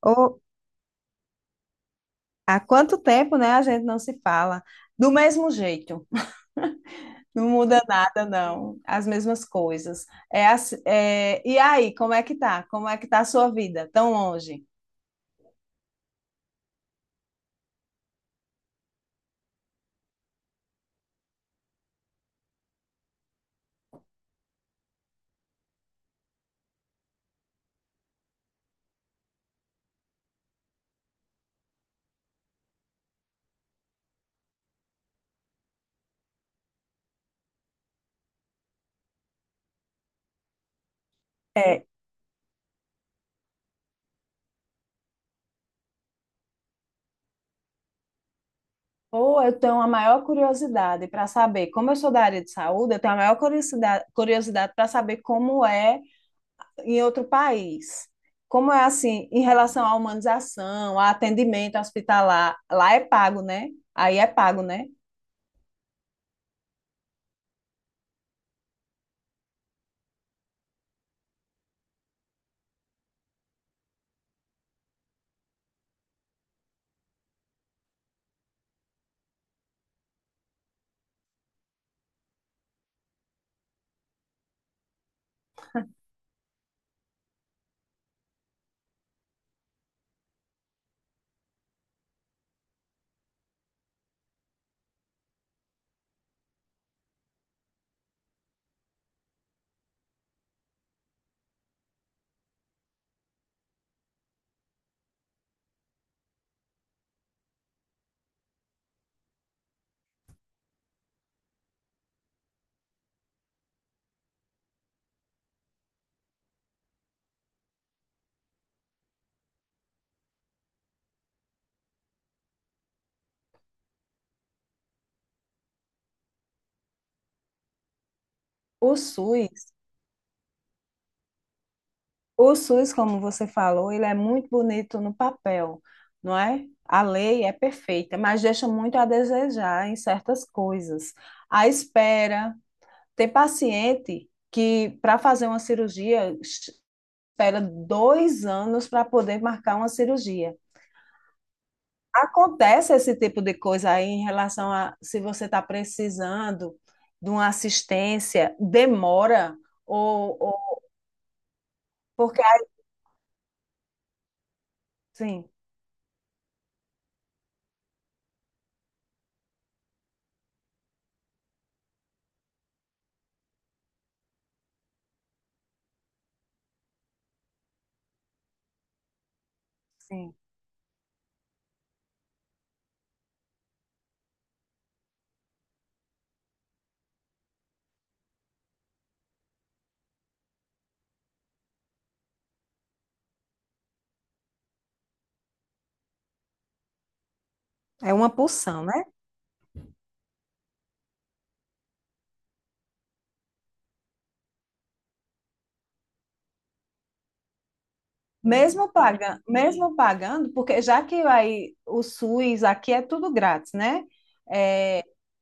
Ô, há quanto tempo, né, a gente não se fala? Do mesmo jeito, não muda nada, não. As mesmas coisas. É, é, e aí, como é que tá? Como é que tá a sua vida tão longe? É, ou eu tenho a maior curiosidade para saber, como eu sou da área de saúde, eu tenho a maior curiosidade para saber como é em outro país. Como é assim, em relação à humanização, a atendimento hospitalar, lá é pago, né? Aí é pago, né? O SUS. O SUS, como você falou, ele é muito bonito no papel, não é? A lei é perfeita, mas deixa muito a desejar em certas coisas. A espera, tem paciente que para fazer uma cirurgia espera dois anos para poder marcar uma cirurgia. Acontece esse tipo de coisa aí em relação a se você está precisando de uma assistência, demora ou porque assim, sim, é uma pulsão, né? Mesmo paga, mesmo pagando, porque já que aí o SUS aqui é tudo grátis, né?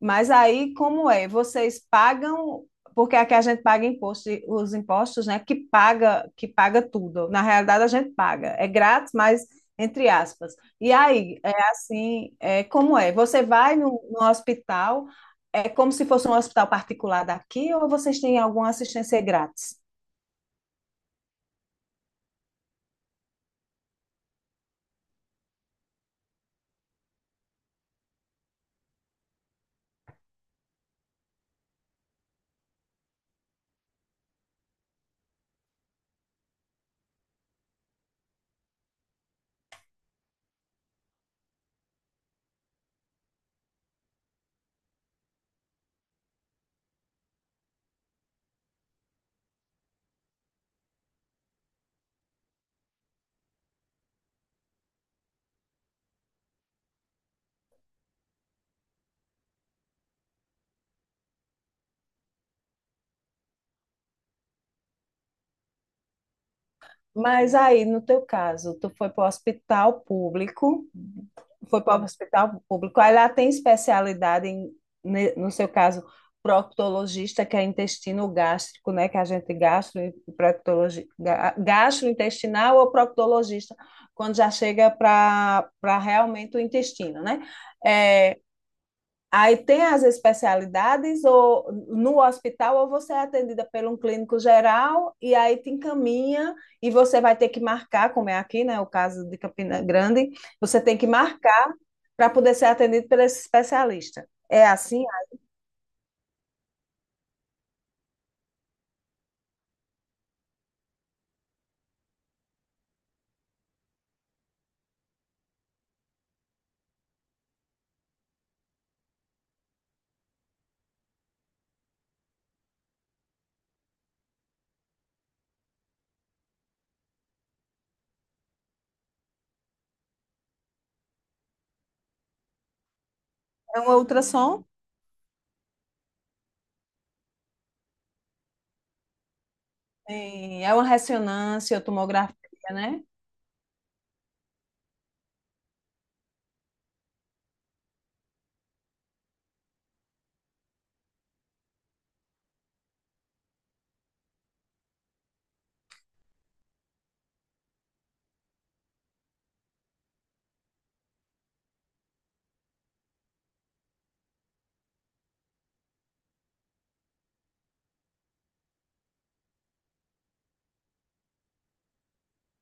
Mas aí como é? Vocês pagam, porque aqui a gente paga imposto, os impostos, né? Que paga tudo. Na realidade a gente paga, é grátis, mas entre aspas. E aí é assim, é como é? Você vai no hospital, é como se fosse um hospital particular daqui, ou vocês têm alguma assistência grátis? Mas aí, no teu caso, tu foi para o hospital público. Aí lá tem especialidade no seu caso, proctologista, que é intestino gástrico, né? Que a gente gastrointestinal ou proctologista, quando já chega para realmente o intestino, né? É, aí tem as especialidades ou no hospital ou você é atendida por um clínico geral e aí te encaminha e você vai ter que marcar, como é aqui, né? O caso de Campina Grande, você tem que marcar para poder ser atendido por esse especialista. É assim? É um ultrassom? Sim, é uma ressonância, tomografia, né?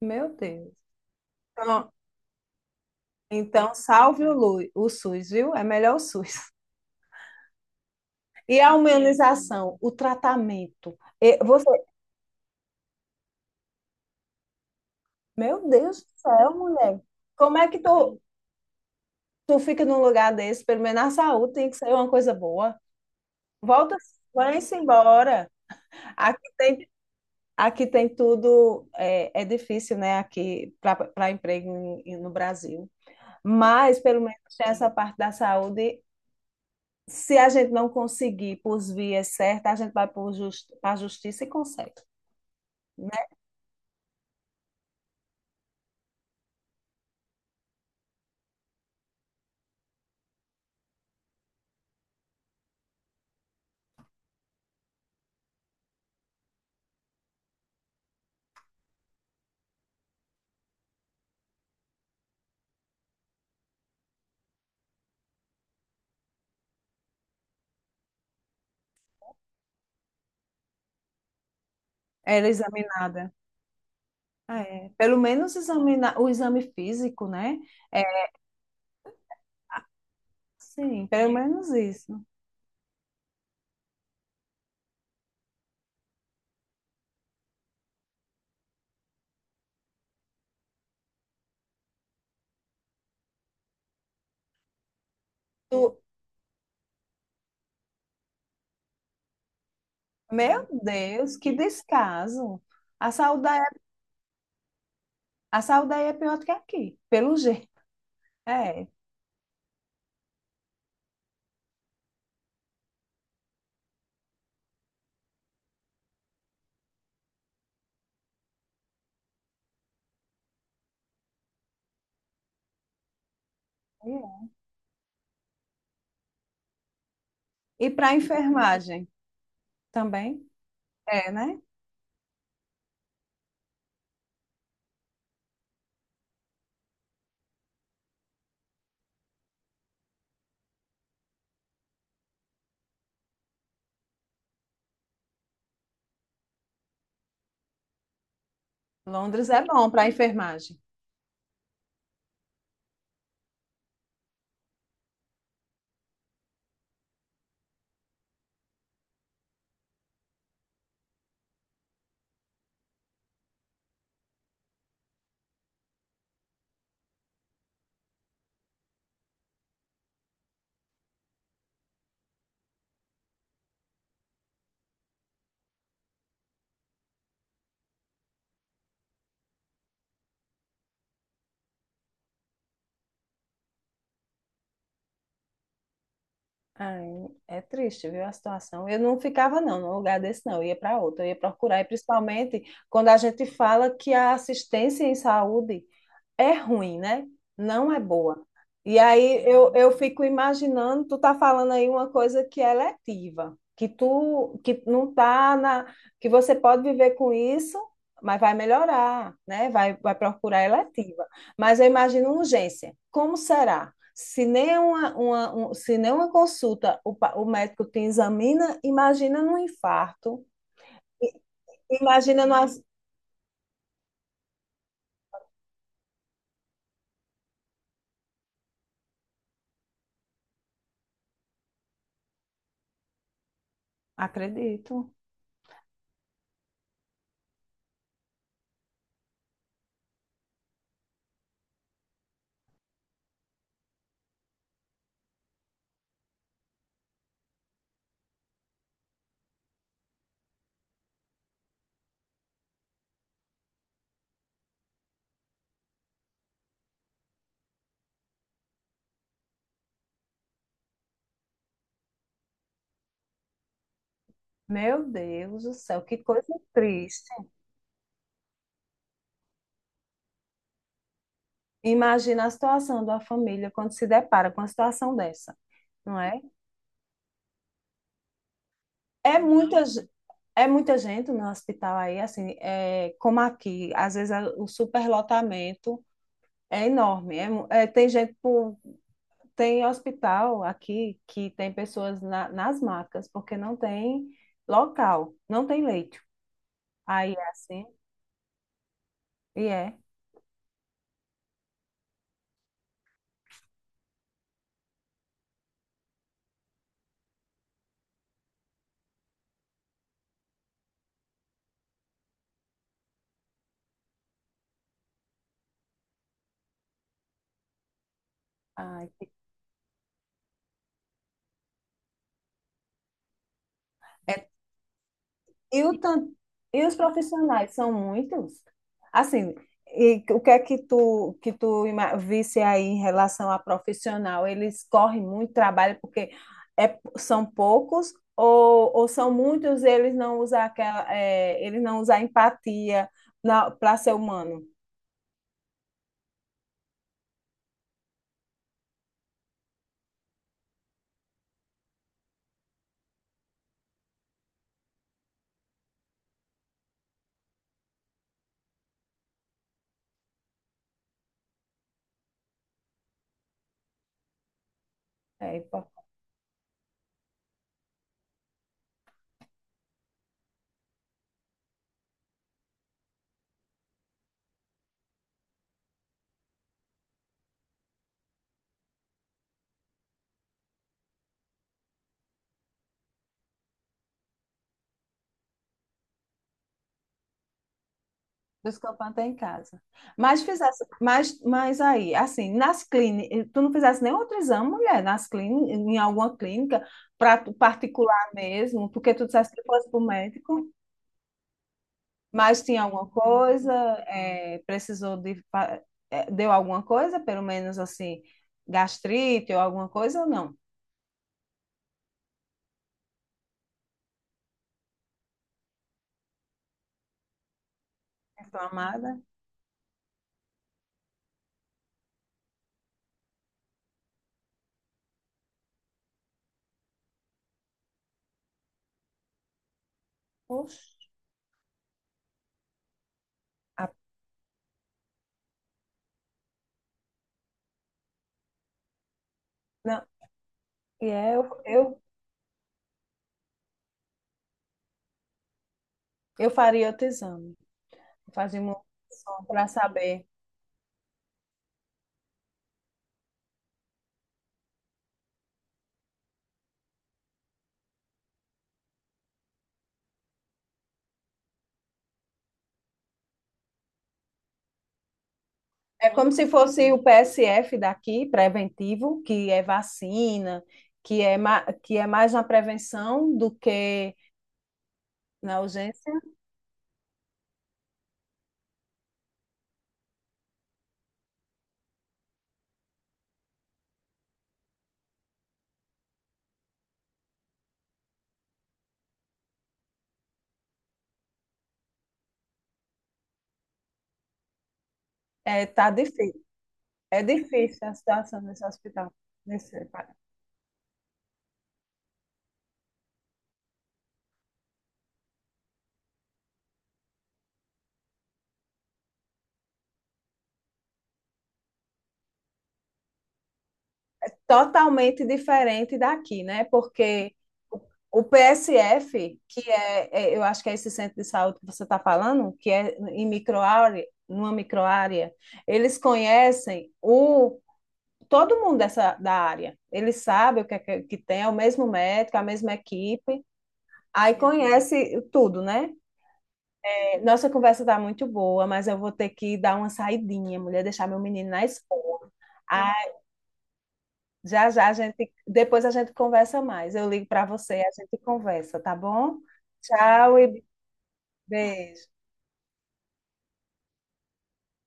Meu Deus. Então, então salve o SUS, viu? É melhor o SUS. E a humanização, o tratamento. E você, meu Deus do céu, mulher. Como é que tu fica num lugar desse? Pelo menos na saúde tem que ser uma coisa boa. Volta, vai-se embora. Aqui tem Aqui tem tudo, é difícil, né, aqui para emprego no Brasil. Mas, pelo menos, tem essa parte da saúde. Se a gente não conseguir por vias certas, a gente vai para a justiça e consegue, né? Era examinada. É, pelo menos examinar o exame físico, né? É, sim, pelo menos isso. Tu- meu Deus, que descaso. A saúde, aí- a saúde aí é pior do que aqui, pelo jeito. É, é. E para enfermagem? Também? É, né? Londres é bom para enfermagem. Ai, é triste, viu, a situação. Eu não ficava, não, num lugar desse, não. Eu ia para outro, eu ia procurar. E principalmente quando a gente fala que a assistência em saúde é ruim, né? Não é boa. E aí eu fico imaginando, tu tá falando aí uma coisa que é letiva, que tu que não tá na, que você pode viver com isso, mas vai melhorar, né? Vai procurar eletiva. Mas eu imagino uma urgência. Como será? Se nem se nem uma consulta o médico te examina, imagina num infarto, i- imagina numa... Acredito. Meu Deus do céu, que coisa triste. Imagina a situação da família quando se depara com uma situação dessa, não é? É muita, ge- é muita gente no hospital aí, assim, é, como aqui, às vezes o superlotamento é enorme. Tem gente por, tem hospital aqui que tem pessoas nas macas, porque não tem local, não tem leito. Aí é assim, e é. Ai, E, o tan- e os profissionais são muitos? Assim, e o que é que visse aí em relação a profissional? Eles correm muito trabalho porque são poucos ou são muitos e eles não usam empatia para ser humano? É. Dos que eu plantei em casa. Mas fizesse, mas aí, assim, nas clínicas, tu não fizesse nenhum outro exame, mulher, nas clínicas, em alguma clínica, particular mesmo, porque tu dissesse que fosse para o médico, mas tinha alguma coisa, é, precisou de, fa- é, deu alguma coisa, pelo menos assim, gastrite ou alguma coisa ou não? Inflamada? Oxe, a- não, e é, eu, eu, eu faria outro exame, fazia uma ultrassom para saber. É como se fosse o PSF daqui, preventivo, que é vacina, que é mais na prevenção do que na urgência. É, tá difícil. É difícil a situação nesse hospital. Nesse, totalmente diferente daqui, né? Porque o o PSF, eu acho que é esse centro de saúde que você está falando, que é em microárea, numa microárea, eles conhecem o todo mundo dessa, da área. Ele sabe o que, é que, tem, é o mesmo médico, é a mesma equipe. Aí conhece tudo, né? É, nossa conversa tá muito boa, mas eu vou ter que dar uma saidinha, mulher, deixar meu menino na escola. Aí, já já depois a gente conversa mais. Eu ligo para você, e a gente conversa, tá bom? Tchau e beijo.